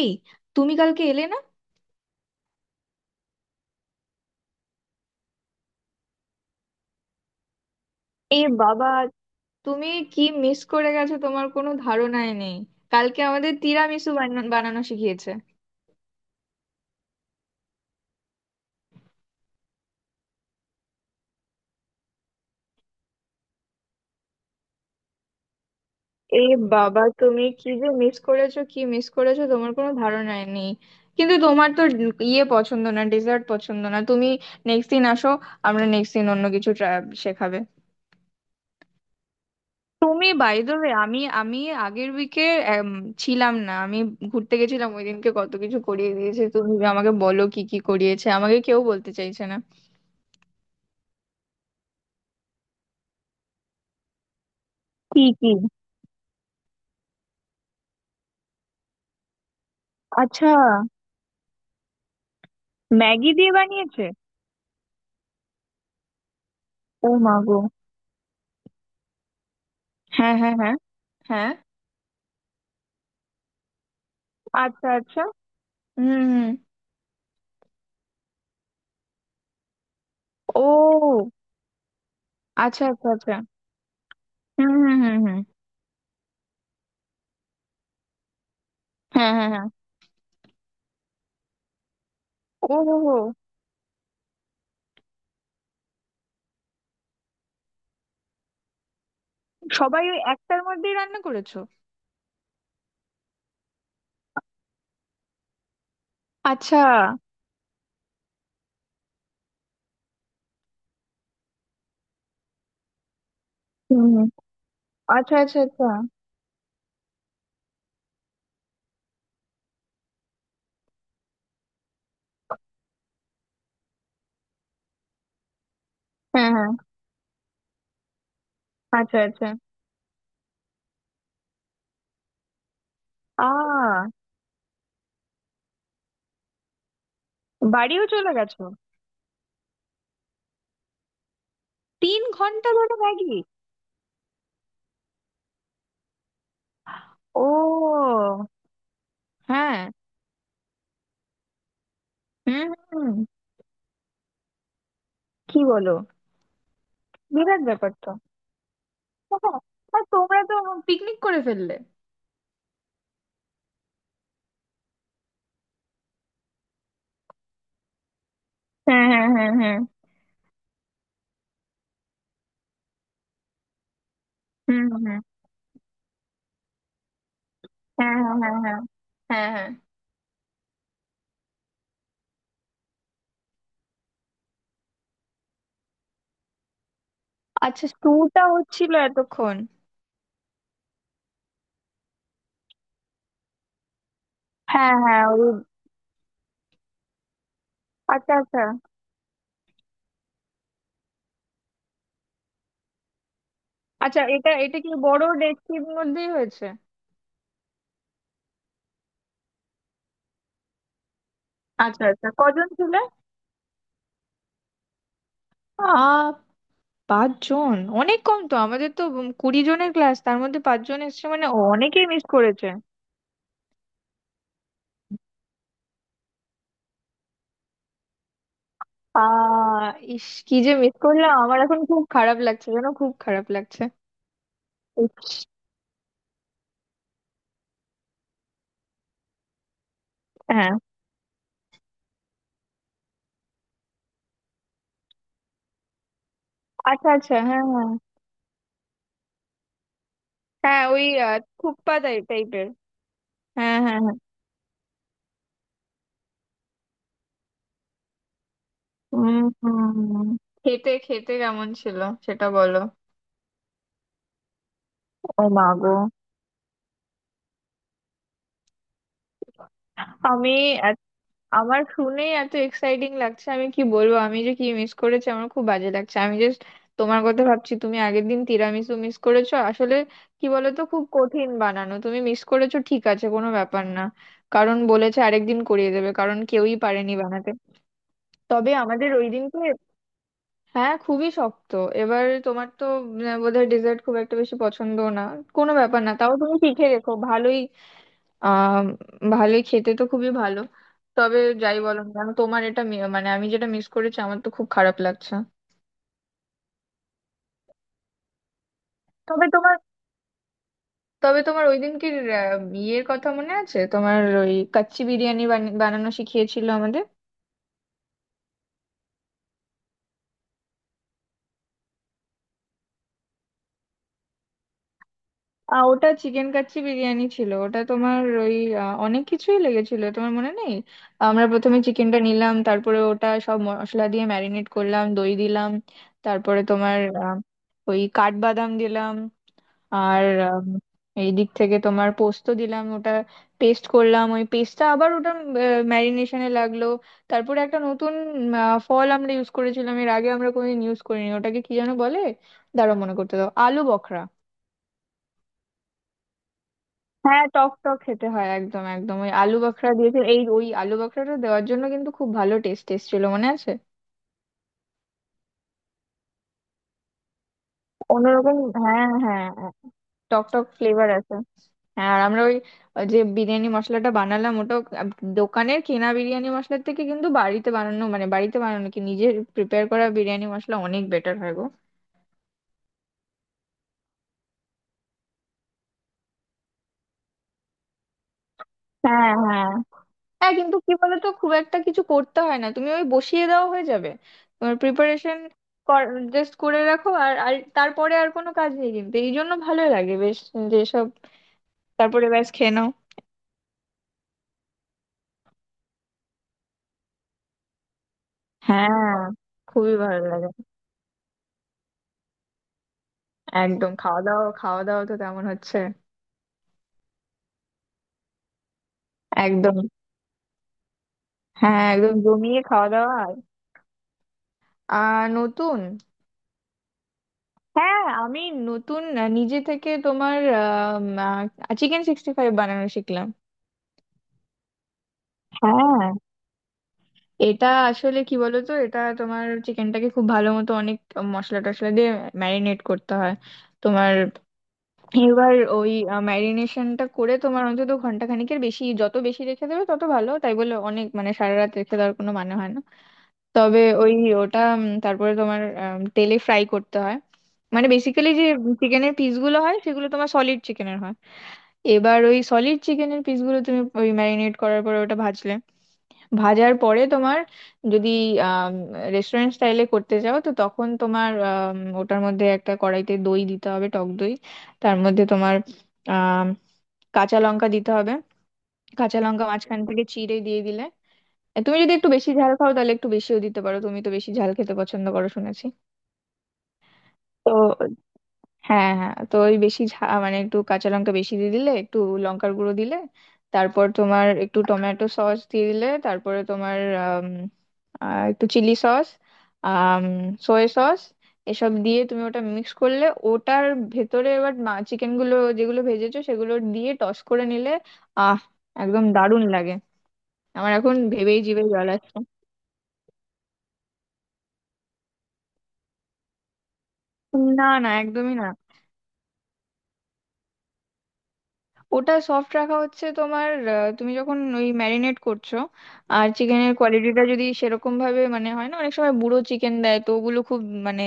এই, তুমি কালকে এলে না? এ বাবা, তুমি কি মিস করে গেছো তোমার কোনো ধারণাই নেই। কালকে আমাদের তিরামিসু বানানো শিখিয়েছে। এ বাবা, তুমি কি যে মিস করেছো, কি মিস করেছো তোমার কোনো ধারণাই নেই। কিন্তু তোমার তো ইয়ে পছন্দ না, ডেজার্ট পছন্দ না তুমি। নেক্সট দিন আসো, আমরা নেক্সট দিন অন্য কিছু শেখাবে। তুমি বাই দ্য ওয়ে, আমি আমি আগের উইকে ছিলাম না আমি, ঘুরতে গেছিলাম। ওই দিনকে কত কিছু করিয়ে দিয়েছে, তুমি আমাকে বলো কি কি করিয়েছে, আমাকে কেউ বলতে চাইছে না। কি কি? আচ্ছা, ম্যাগি দিয়ে বানিয়েছে? ও মা গো! হ্যাঁ হ্যাঁ হ্যাঁ হ্যাঁ। আচ্ছা আচ্ছা। হুম হুম। ও আচ্ছা আচ্ছা আচ্ছা। হুম হুম হুম হুম। হ্যাঁ হ্যাঁ হ্যাঁ। ও হো হো। সবাই ওই একটার মধ্যেই রান্না করেছো? আচ্ছা। হুম। আচ্ছা আচ্ছা আচ্ছা। হ্যাঁ হ্যাঁ। আচ্ছা আচ্ছা। আ, বাড়িও চলে গেছো? 3 ঘন্টা ধরে ম্যাগি? ও। হ্যাঁ। হুম হুম হুম। কি বলো! বিরাট ব্যাপার তো। হ্যাঁ, আর তোমরা তো পিকনিক করে ফেললে। হ্যাঁ হ্যাঁ হ্যাঁ হ্যাঁ। হুম হুম। হ্যাঁ হ্যাঁ হ্যাঁ হ্যাঁ। হ্যাঁ হ্যাঁ। আচ্ছা, স্টুটা হচ্ছিল এতক্ষণ? হ্যাঁ হ্যাঁ, ওই। আচ্ছা আচ্ছা আচ্ছা। এটা এটা কি বড় ডেকচির মধ্যেই হয়েছে? আচ্ছা আচ্ছা, কজন ছিলে? 5 জন! অনেক কম তো। আমাদের তো 20 জনের ক্লাস, তার মধ্যে 5 জন এসেছে মানে অনেকেই মিস করেছে। আহ। ইস, কি যে মিস করলাম, আমার এখন খুব খারাপ লাগছে জানো, খুব খারাপ লাগছে। ইস, হ্যাঁ। আচ্ছা আচ্ছা, হ্যাঁ হ্যাঁ হ্যাঁ। ওই থুপ্পা টাই টাইপের। হ্যাঁ হ্যাঁ হ্যাঁ। উম হুম। খেতে খেতে কেমন ছিল সেটা বলো। ও মা গো! আমি, আমার শুনেই এত এক্সাইটিং লাগছে, আমি কি বলবো, আমি যে কি মিস করেছি, আমার খুব বাজে লাগছে। আমি জাস্ট তোমার কথা ভাবছি, তুমি আগের দিন তিরামিসু মিস করেছো আসলে। কি বলতো, খুব কঠিন বানানো, তুমি মিস করেছো ঠিক আছে, কোনো ব্যাপার না। কারণ বলেছে আরেকদিন করিয়ে দেবে কারণ কেউই পারেনি বানাতে। তবে আমাদের ওই দিনকে, হ্যাঁ, খুবই শক্ত। এবার তোমার তো বোধহয় ডেজার্ট খুব একটা বেশি পছন্দ না। কোনো ব্যাপার না, তাও তুমি শিখে রেখো, ভালোই। আহ, ভালোই, খেতে তো খুবই ভালো। তবে যাই বলো না কেন, তোমার এটা মানে আমি যেটা মিস করেছি আমার তো খুব খারাপ লাগছে। তবে তোমার, তবে তোমার ওই দিন কি আহ, ইয়ের কথা মনে আছে, তোমার ওই কাচ্চি বিরিয়ানি বানানো শিখিয়েছিল আমাদের? আহ, ওটা চিকেন কাচ্চি বিরিয়ানি ছিল ওটা। তোমার ওই অনেক কিছুই লেগেছিল, তোমার মনে নেই? আমরা প্রথমে চিকেনটা নিলাম, তারপরে ওটা সব মশলা দিয়ে ম্যারিনেট করলাম, দই দিলাম। তারপরে তোমার ওই কাঠবাদাম দিলাম। আর উম, এই দিক থেকে তোমার পোস্ত দিলাম, ওটা পেস্ট করলাম, ওই পেস্টটা আবার ওটা ম্যারিনেশনে লাগলো। তারপরে একটা নতুন ফল আমরা ইউজ করেছিলাম, এর আগে আমরা কোনোদিন ইউজ করিনি। ওটাকে কি যেন বলে, দাঁড়াও মনে করতে দাও, আলু বখরা। হ্যাঁ, টক টক খেতে হয় একদম একদম। ওই আলু বখরা দিয়েছে, এই ওই আলু বখরাটা দেওয়ার জন্য কিন্তু খুব ভালো, টেস্ট টেস্ট ছিল মনে আছে। অন্যরকম, হ্যাঁ হ্যাঁ হ্যাঁ। টক টক ফ্লেভার আছে। হ্যাঁ। আর আমরা ওই, ওই যে বিরিয়ানি মশলাটা বানালাম ওটা, দোকানের কেনা বিরিয়ানি মশলার থেকে কিন্তু বাড়িতে বানানো, মানে বাড়িতে বানানো কি নিজের প্রিপেয়ার করা বিরিয়ানি মশলা অনেক বেটার হয় গো। হ্যাঁ হ্যাঁ হ্যাঁ। কিন্তু কি বলতো, খুব একটা কিছু করতে হয় না, তুমি ওই বসিয়ে দেওয়া হয়ে যাবে। তোমার প্রিপারেশন জাস্ট করে রাখো আর আর তারপরে আর কোনো কাজ নেই, কিন্তু এই জন্য ভালো লাগে বেশ। যেসব, তারপরে ব্যাস খেয়ে নাও। হ্যাঁ, খুবই ভালো লাগে। একদম। খাওয়া দাওয়া, খাওয়া দাওয়া তো তেমন হচ্ছে। একদম। হ্যাঁ একদম, জমিয়ে খাওয়া দাওয়া আর নতুন, হ্যাঁ। আমি নতুন নিজে থেকে তোমার Chicken 65 বানানো শিখলাম। হ্যাঁ। এটা আসলে কি বলতো, এটা তোমার চিকেনটাকে খুব ভালো মতো অনেক মশলা টশলা দিয়ে ম্যারিনেট করতে হয় তোমার। এবার ওই ম্যারিনেশনটা করে তোমার অন্তত ঘন্টা খানিকের বেশি, যত বেশি রেখে দেবে তত ভালো, তাই বলে অনেক মানে সারা রাত রেখে দেওয়ার কোনো মানে হয় না। তবে ওই ওটা তারপরে তোমার তেলে ফ্রাই করতে হয়। মানে বেসিক্যালি যে চিকেনের পিসগুলো হয় সেগুলো তোমার সলিড চিকেনের হয়। এবার ওই সলিড চিকেনের পিসগুলো তুমি ওই ম্যারিনেট করার পরে ওটা ভাজলে। ভাজার পরে তোমার, যদি রেস্টুরেন্ট স্টাইলে করতে চাও তো তখন তোমার ওটার মধ্যে একটা কড়াইতে দই দিতে হবে, টক দই। তার মধ্যে তোমার আম, কাঁচা লঙ্কা দিতে হবে, কাঁচা লঙ্কা মাঝখান থেকে চিড়ে দিয়ে দিলে। এ, তুমি যদি একটু বেশি ঝাল খাও তাহলে একটু বেশিও দিতে পারো, তুমি তো বেশি ঝাল খেতে পছন্দ করো শুনেছি। তো হ্যাঁ হ্যাঁ, তো ওই বেশি ঝাল মানে একটু কাঁচা লঙ্কা বেশি দিয়ে দিলে, একটু লঙ্কার গুঁড়ো দিলে, তারপর তোমার একটু টমেটো সস দিয়ে দিলে, তারপরে তোমার আম, একটু চিলি সস, সয়া সস, এসব দিয়ে তুমি ওটা মিক্স করলে ওটার ভেতরে। এবার চিকেন গুলো যেগুলো ভেজেছো সেগুলো দিয়ে টস করে নিলে। আহ, একদম দারুণ লাগে। আমার এখন ভেবেই জিভে জল আসছে। না না, একদমই না। ওটা সফট রাখা হচ্ছে তোমার তুমি যখন ওই ম্যারিনেট করছো। আর চিকেনের কোয়ালিটিটা যদি সেরকম ভাবে, মানে হয় না অনেক সময় বুড়ো চিকেন দেয় তো ওগুলো খুব, মানে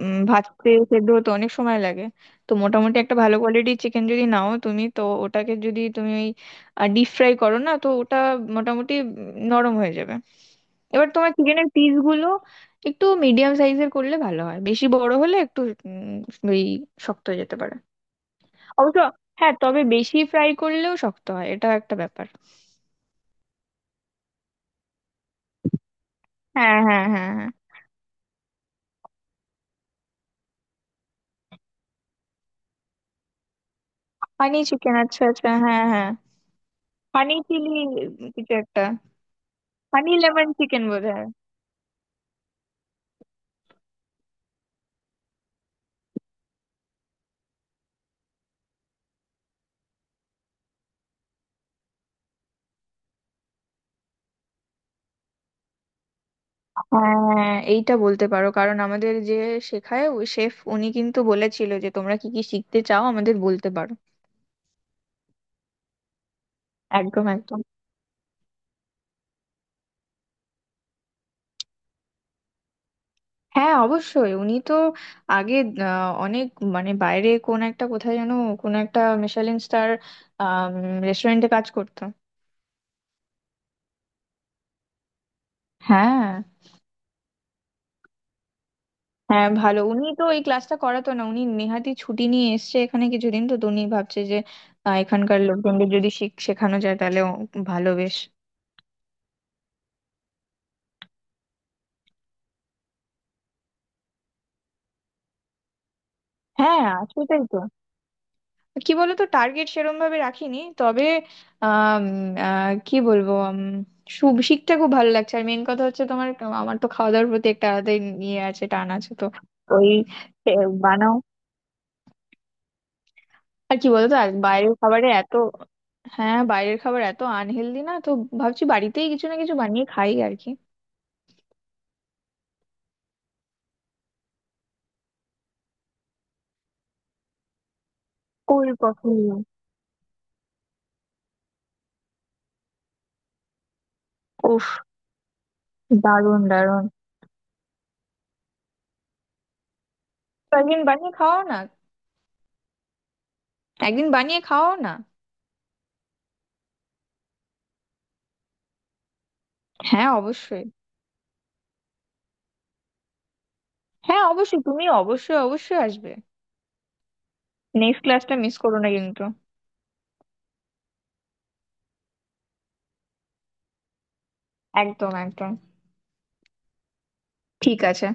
ভাজতে সেদ্ধ হতে অনেক সময় লাগে। তো মোটামুটি একটা ভালো কোয়ালিটির চিকেন যদি নাও তুমি তো ওটাকে, যদি তুমি ওই ডিপ ফ্রাই করো না তো ওটা মোটামুটি নরম হয়ে যাবে। এবার তোমার চিকেনের পিসগুলো একটু মিডিয়াম সাইজের করলে ভালো হয়, বেশি বড় হলে একটু ওই শক্ত হয়ে যেতে পারে অবশ্য। হ্যাঁ, তবে বেশি ফ্রাই করলেও শক্ত হয়, এটাও একটা ব্যাপার। হ্যাঁ হ্যাঁ হ্যাঁ হ্যাঁ। হানি চিকেন, আচ্ছা আচ্ছা, হ্যাঁ হ্যাঁ। হানি চিলি, কিছু একটা, হানি লেমন চিকেন বোধহয়। হ্যাঁ, এইটা বলতে পারো, কারণ আমাদের যে শেখায় ওই শেফ, উনি কিন্তু বলেছিল যে তোমরা কি কি শিখতে চাও আমাদের বলতে পারো। একদম একদম। হ্যাঁ, অবশ্যই উনি তো আগে অনেক, মানে বাইরে কোন একটা, কোথায় যেন, কোন একটা মিশেলিন স্টার রেস্টুরেন্টে কাজ করতো। হ্যাঁ। হ্যাঁ, ভালো। উনি তো এই ক্লাসটা করাতো না, উনি নেহাতি ছুটি নিয়ে এসেছে এখানে কিছুদিন, তো তো উনি ভাবছে যে এখানকার লোকজনদের যদি শেখানো যায় তাহলে ভালো, বেশ। হ্যাঁ সেটাই তো। কি বলতো, টার্গেট সেরম ভাবে রাখিনি, তবে আম, কি বলবো, শিখতে খুব ভালো লাগছে আর মেন কথা হচ্ছে তোমার, আমার তো খাওয়া দাওয়ার প্রতি একটা আলাদাই ইয়ে আছে, টান আছে তো। ওই এ, বানাও। আর কি বলতো, আর বাইরের খাবারে এত, হ্যাঁ বাইরের খাবার এত আনহেলদি না তো, ভাবছি বাড়িতেই কিছু না কিছু বানিয়ে খাই আর কি। কোল পকোড়ি! উফ! দারুণ দারুণ। তো একদিন বানিয়ে খাওয়াও না। একদিন বানিয়ে খাওয়াও না। হ্যাঁ অবশ্যই। হ্যাঁ অবশ্যই, তুমি অবশ্যই অবশ্যই আসবে। নেক্সট ক্লাসটা মিস করো না কিন্তু। একদম একদম। ঠিক আছে।